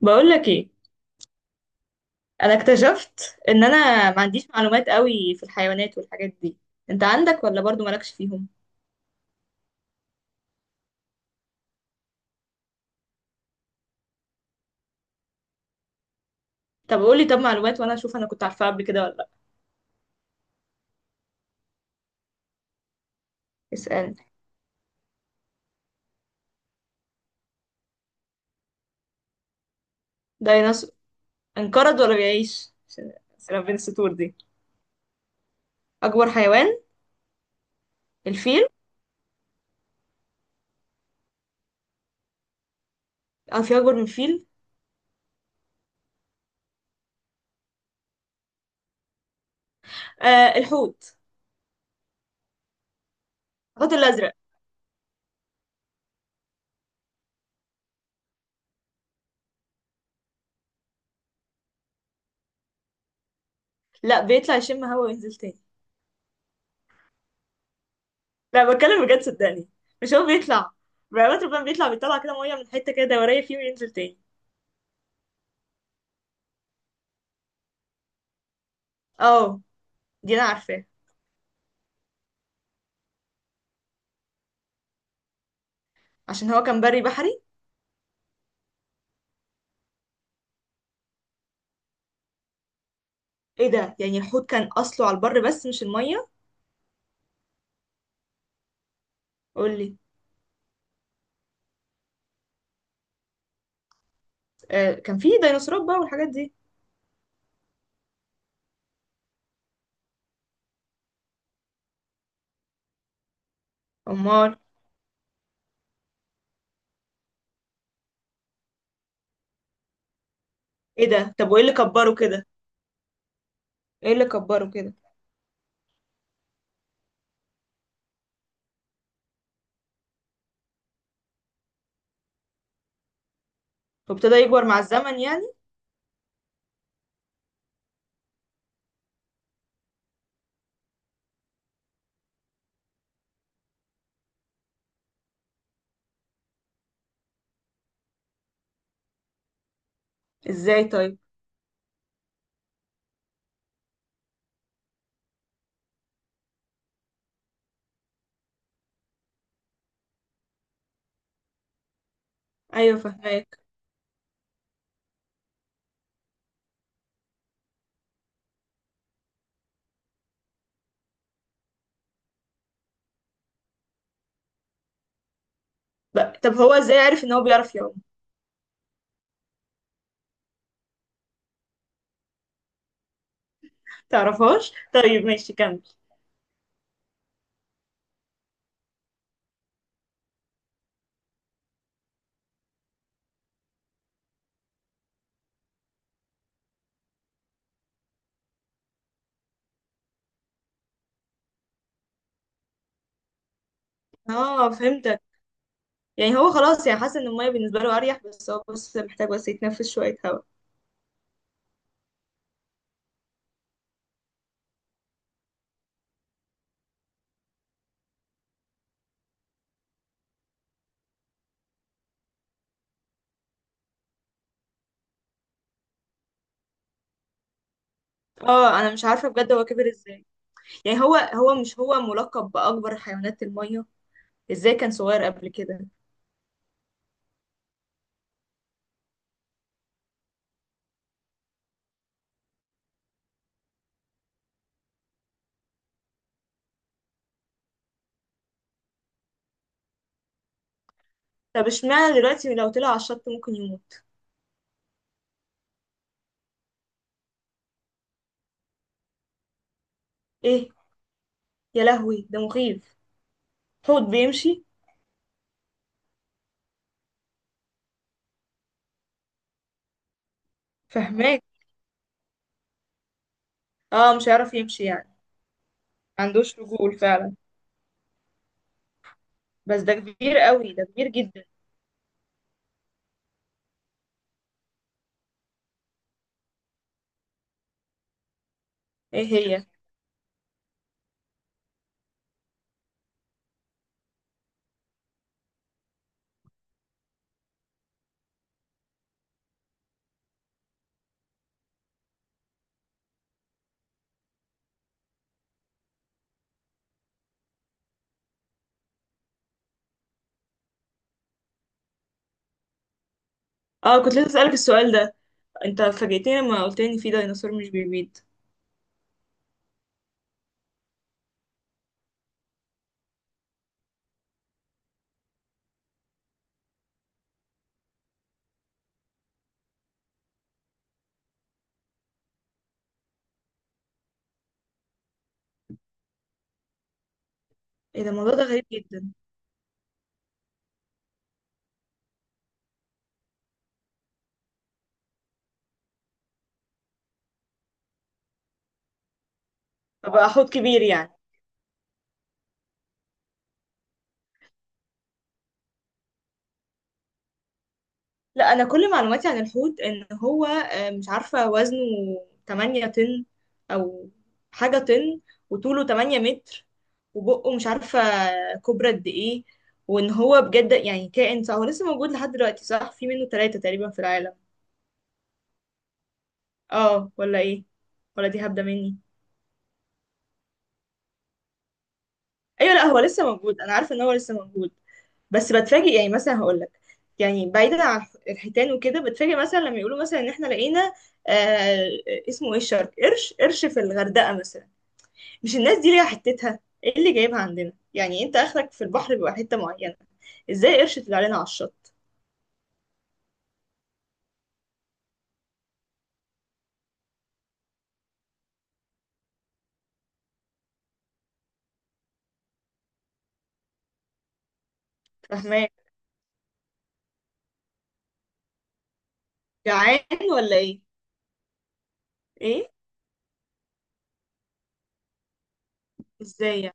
بقول لك ايه. انا اكتشفت ان انا ما عنديش معلومات قوي في الحيوانات والحاجات دي. انت عندك ولا برضو مالكش فيهم؟ طب قولي، طب معلومات وانا اشوف انا كنت عارفاها قبل كده ولا لا. اسالني. ديناصور. انقرض ولا بيعيش؟ عشان أسئلة بين السطور دي. اكبر حيوان؟ الفيل. اه في اكبر من الفيل؟ آه الحوت. الحوت الازرق. لا بيطلع يشم هوا وينزل تاني. لا بتكلم بجد صدقني، مش هو بيطلع بقى؟ ربنا بيطلع كده ميه من حته كده دوريه فيه وينزل تاني. اه دي انا عارفاها. عشان هو كان بري بحري. ايه ده؟ يعني الحوت كان اصله على البر بس مش الميه؟ قول لي. آه كان في ديناصورات بقى والحاجات دي. امال؟ ايه ده؟ طب وايه اللي كبره كده؟ ايه اللي كبره كده؟ وابتدى يكبر مع الزمن يعني. ازاي طيب؟ ايوه فهماك. بقى طب هو ازاي عارف ان هو بيعرف يعوم؟ تعرفهاش طيب ماشي كمل. اه فهمتك. يعني هو خلاص، يعني حاسس ان الميه بالنسبه له اريح، بس هو بس محتاج بس يتنفس شويه هواء. اه انا مش عارفه بجد هو كبر ازاي. يعني هو، هو مش هو ملقب باكبر حيوانات الميه؟ ازاي كان صغير قبل كده؟ طب اشمعنى دلوقتي لو طلع على الشط ممكن يموت؟ ايه؟ يا لهوي ده مخيف، حوت بيمشي؟ فهماك. اه مش هيعرف يمشي يعني. ما عندوش رجول فعلا. بس ده كبير قوي، ده كبير جدا. ايه هي؟ اه كنت لسه اسالك السؤال ده. انت فاجئتني لما قلت لي إن في ديناصور مش بيبيض. ايه ده؟ الموضوع ده غريب جدا. فبقى حوت كبير يعني. لا انا كل معلوماتي عن الحوت ان هو مش عارفه وزنه، 8 طن او حاجه طن، وطوله 8 متر، وبقه مش عارفه كبرى قد ايه. وان هو بجد يعني كائن صح، هو لسه موجود لحد دلوقتي صح؟ في منه ثلاثة تقريبا في العالم. اه ولا ايه؟ ولا دي هبده مني؟ ايوه لا هو لسه موجود، انا عارفه ان هو لسه موجود. بس بتفاجئ يعني، مثلا هقول لك، يعني بعيدا عن الحيتان وكده، بتفاجئ مثلا لما يقولوا مثلا ان احنا لقينا، آه اسمه ايه، الشرك، قرش، قرش في الغردقه مثلا. مش الناس دي ليها حتتها؟ ايه اللي جايبها عندنا يعني؟ انت اخرك في البحر بيبقى حته معينه، ازاي قرش طلع لنا على الشط؟ فاهماك. جعان ولا ايه؟ ايه؟ ازاي يعني؟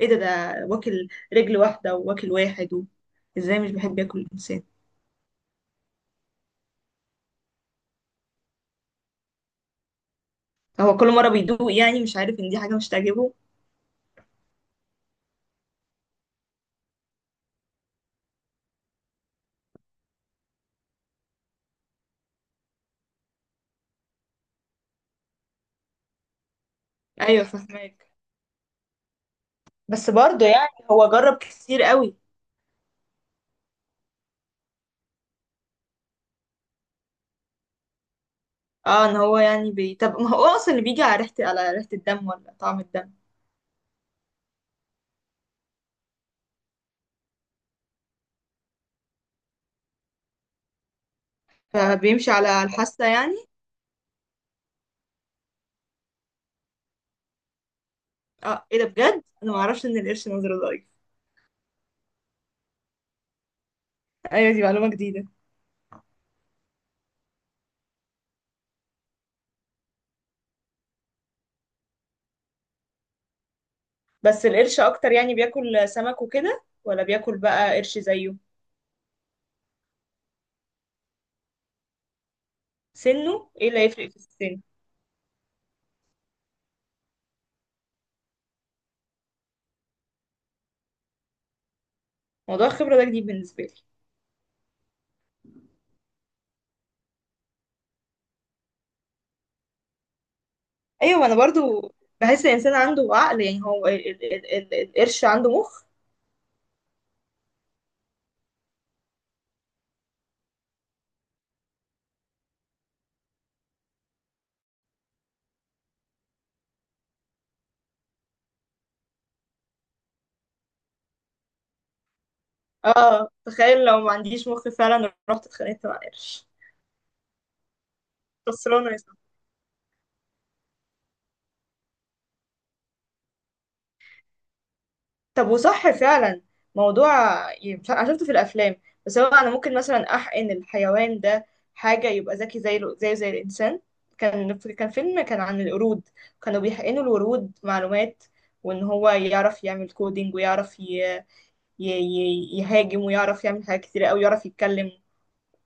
ايه ده؟ ده واكل رجل واحده، وواكل واحد ازاي مش بحب ياكل الانسان؟ هو كل مره بيدوق يعني، مش عارف ان دي حاجه مش تعجبه؟ ايوه فاهماك. بس برضه يعني هو جرب كتير قوي. اه ان هو يعني طب ما هو اصلا اللي بيجي على ريحة الدم ولا طعم الدم؟ فبيمشي على الحاسة يعني. اه ايه ده، بجد انا ما اعرفش ان القرش نظره ضعيف. ايوه دي معلومة جديدة. بس القرش اكتر يعني بياكل سمك وكده ولا بياكل بقى قرش زيه؟ سنه؟ ايه اللي هيفرق في السن؟ موضوع الخبرة ده جديد بالنسبة لي. ايوه انا برضو بحس الانسان عنده عقل، يعني هو القرش عنده مخ؟ اه تخيل لو ما عنديش مخ فعلا رحت اتخانقت مع قرش، فصلانه يا صاحبي. طب وصح فعلا موضوع ي- مش عارفة- انا شفته في الافلام، بس هو انا ممكن مثلا احقن الحيوان ده حاجه يبقى ذكي زي زيه زي الانسان؟ كان فيلم كان عن القرود، كانوا بيحقنوا الورود معلومات، وان هو يعرف يعمل كودينج، ويعرف يهاجم، ويعرف يعمل حاجات كتير قوي، يعرف يتكلم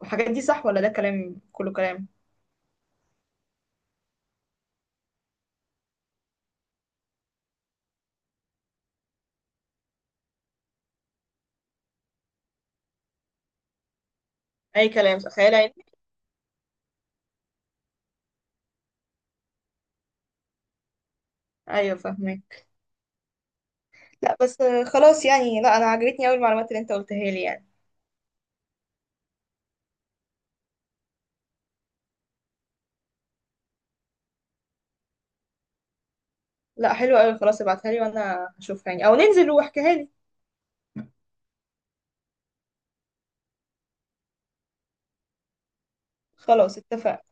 والحاجات دي. صح ولا ده كلام، كله كلام؟ اي كلام صح، خيال علمي. ايوه فاهمك. لا بس خلاص يعني، لا انا عجبتني قوي المعلومات اللي انت قلتها لي يعني. لا حلو قوي، خلاص ابعتها لي وانا هشوفها يعني، او ننزل واحكيها لي. خلاص اتفقنا.